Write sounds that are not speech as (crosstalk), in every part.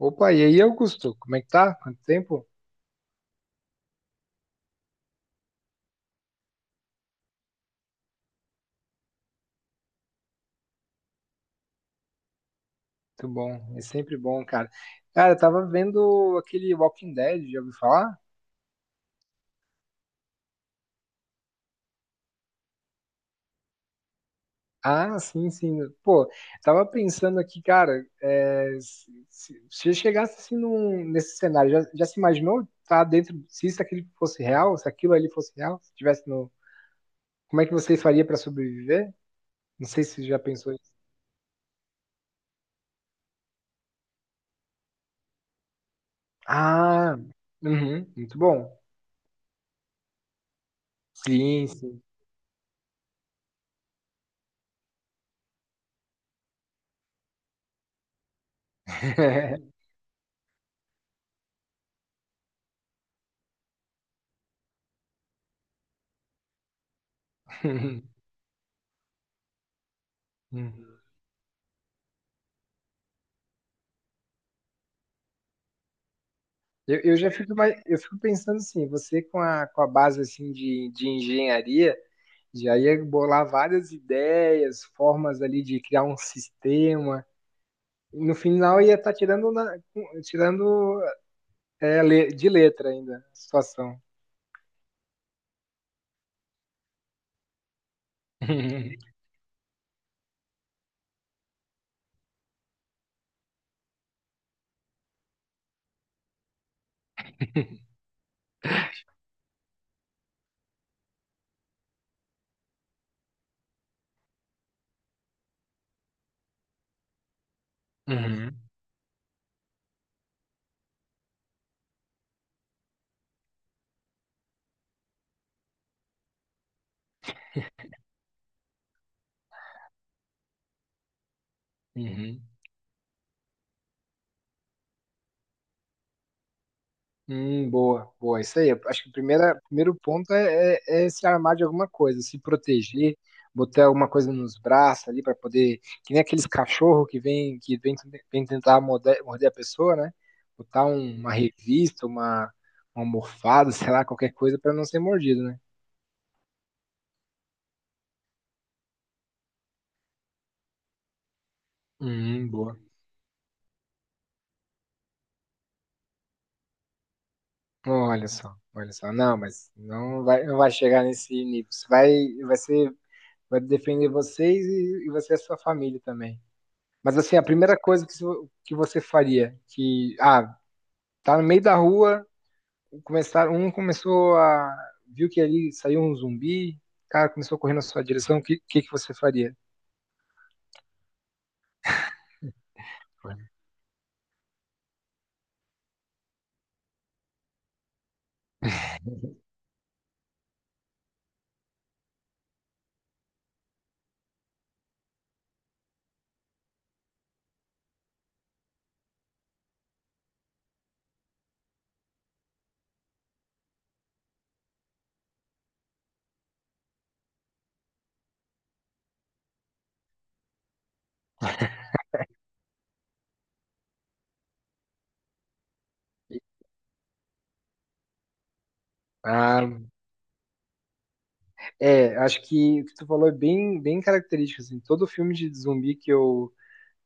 Opa, e aí, Augusto? Como é que tá? Quanto tempo? Muito bom, é sempre bom, cara. Cara, eu tava vendo aquele Walking Dead, já ouviu falar? Ah, sim, sim. Pô, tava pensando aqui, cara, se eu chegasse assim nesse cenário, já se imaginou estar dentro, se isso aquilo fosse real, se aquilo ali fosse real, se tivesse no. Como é que vocês faria pra sobreviver? Não sei se já pensou isso. Ah, uhum, muito bom. Sim, sim. (laughs) (laughs) Eu já fico, eu fico pensando assim, você com com a base assim de engenharia, já ia bolar várias ideias, formas ali de criar um sistema. No final ia estar tirando, tirando de letra ainda a situação. (laughs) Uhum, uhum. Boa, boa. Isso aí. Acho que o primeiro ponto é, é se armar de alguma coisa, se proteger, botar alguma coisa nos braços ali para poder. Que nem aqueles cachorros que vem, vem tentar morder a pessoa, né? Botar uma revista, uma almofada, (laughs) sei lá, qualquer coisa para não ser mordido, né? Boa. Olha só, olha só. Não, mas não vai chegar nesse nível. Você vai, vai ser, vai defender vocês e você e a sua família também. Mas assim, a primeira coisa que, que você faria, que, ah, tá no meio da rua, começar, um começou a, viu que ali saiu um zumbi, o cara começou correndo na sua direção, que você faria? Ah, é, acho que o que tu falou é bem, bem característico, assim, todo filme de zumbi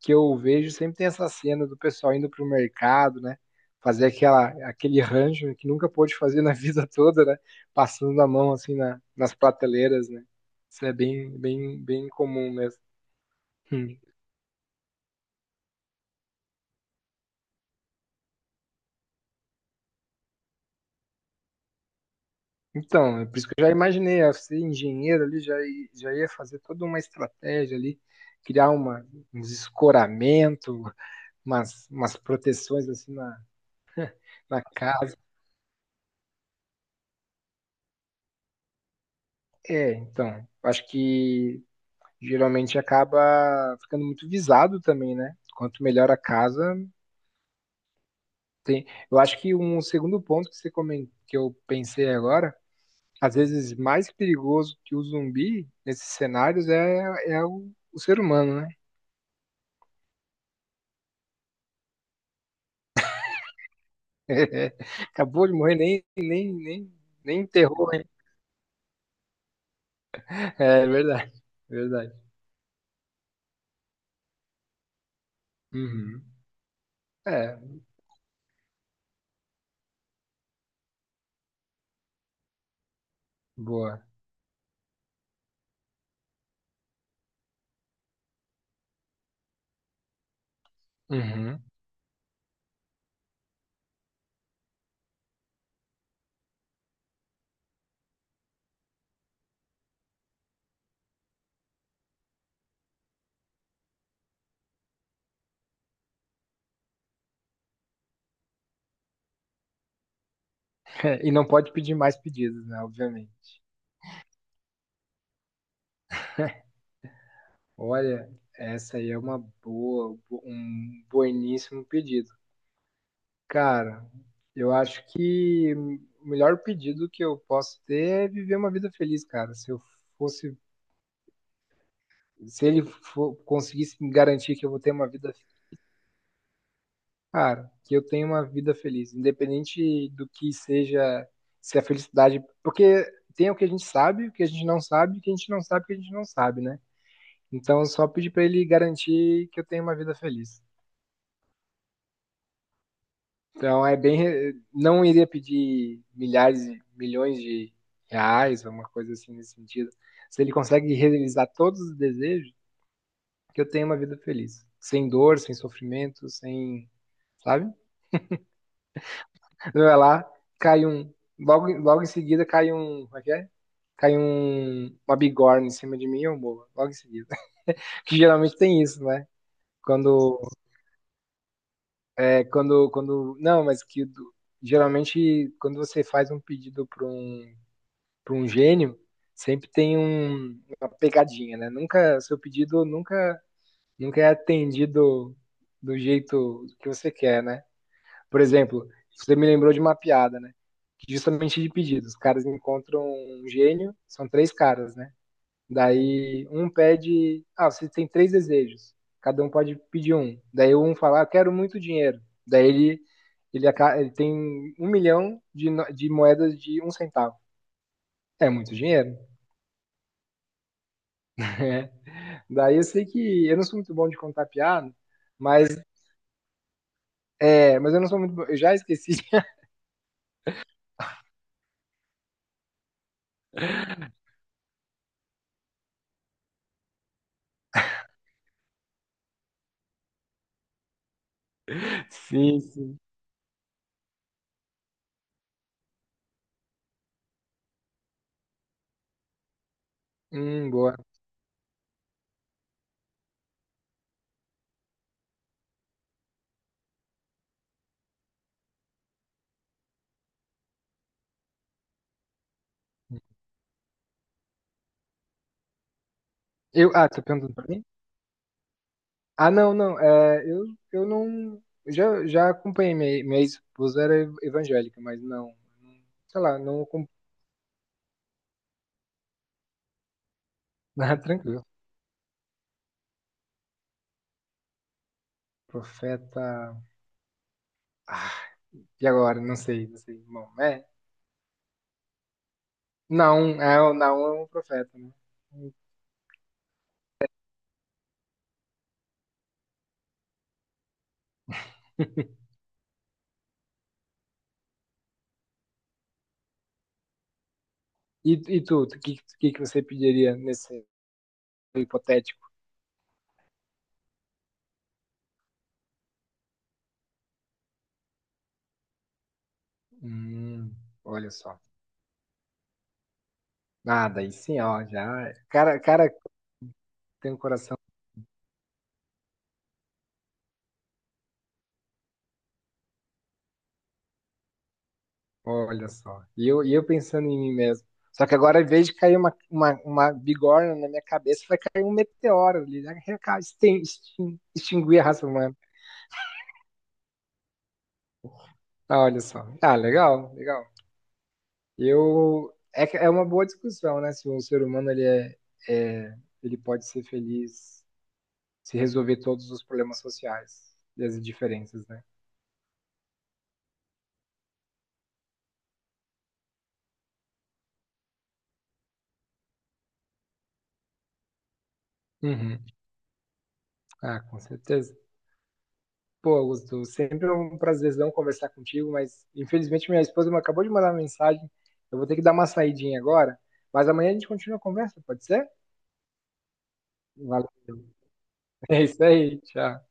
que eu vejo sempre tem essa cena do pessoal indo pro mercado, né? Fazer aquela, aquele rancho que nunca pôde fazer na (laughs) vida toda, né? Passando a mão assim nas prateleiras, né? Isso é bem, bem, bem comum mesmo. Hum. Então, é por isso que eu já imaginei, ó, ser engenheiro ali, já, já ia fazer toda uma estratégia ali, criar uma, uns escoramento, umas, umas proteções assim na, na casa. É, então, acho que geralmente acaba ficando muito visado também, né? Quanto melhor a casa, tem. Eu acho que um segundo ponto que você comentou, que eu pensei agora, às vezes mais perigoso que o zumbi nesses cenários é, é o ser humano, né? (laughs) Acabou de morrer, nem enterrou, hein? É verdade, verdade. Uhum. É, boa. Uhum. (laughs) E não pode pedir mais pedidos, né? Obviamente. Olha, essa aí é uma boa, um bueníssimo pedido. Cara, eu acho que o melhor pedido que eu posso ter é viver uma vida feliz, cara. Se eu fosse, se ele conseguisse me garantir que eu vou ter uma vida, cara, que eu tenho uma vida feliz, independente do que seja, se a felicidade, porque tem o que a gente sabe, o que a gente não sabe, o que a gente não sabe, o que a gente não sabe, né? Então, só pedir pra ele garantir que eu tenho uma vida feliz. Então é bem. Não iria pedir milhares, e milhões de reais, alguma coisa assim nesse sentido. Se ele consegue realizar todos os desejos, que eu tenha uma vida feliz. Sem dor, sem sofrimento, sem. Sabe? Vai lá, cai um. Logo, logo em seguida cai um. Como é que é? Cai um, uma bigorna em cima de mim, eu morro. Logo em seguida. (laughs) Que geralmente tem isso, né? Quando. É, quando. Não, mas que. Geralmente, quando você faz um pedido para para um gênio, sempre tem uma pegadinha, né? Nunca, seu pedido nunca, nunca é atendido do jeito que você quer, né? Por exemplo, você me lembrou de uma piada, né? Justamente de pedidos. Os caras encontram um gênio, são três caras, né? Daí um pede, ah, você tem três desejos. Cada um pode pedir um. Daí um fala, ah, quero muito dinheiro. Daí ele tem um milhão de, de moedas de um centavo. É muito dinheiro. (laughs) Daí eu sei que eu não sou muito bom de contar piada, mas é, mas eu não sou muito bom. Eu já esqueci. (laughs) Sim, sim. Boa. Eu, ah, tá perguntando pra mim? Ah, não, não. É, eu não. Eu já, já acompanhei minha, minha esposa, era evangélica, mas não. não- Sei lá, não. acom- (laughs) Ah, tranquilo. Profeta. Ah, E agora? Não sei, não sei. Bom, é. Não, é, o não é um profeta, né? (laughs) E, e tu, que você pediria nesse hipotético? Hum, olha só. Nada, aí sim, ó, já. Cara, cara tem um coração. Olha só. E eu pensando em mim mesmo. Só que agora, em vez de cair uma bigorna na minha cabeça, vai cair um meteoro ali, né? Extinguir a raça humana. Ah, olha só. Ah, legal, legal. Eu. É, é uma boa discussão, né? Se o ser humano ele é, é- ele pode ser feliz se resolver todos os problemas sociais e as diferenças, né? Uhum. Ah, com certeza. Pô, Augusto, sempre é um prazerzão conversar contigo, mas infelizmente minha esposa me acabou de mandar uma mensagem. Eu vou ter que dar uma saidinha agora, mas amanhã a gente continua a conversa, pode ser? Valeu. (laughs) É isso aí, tchau.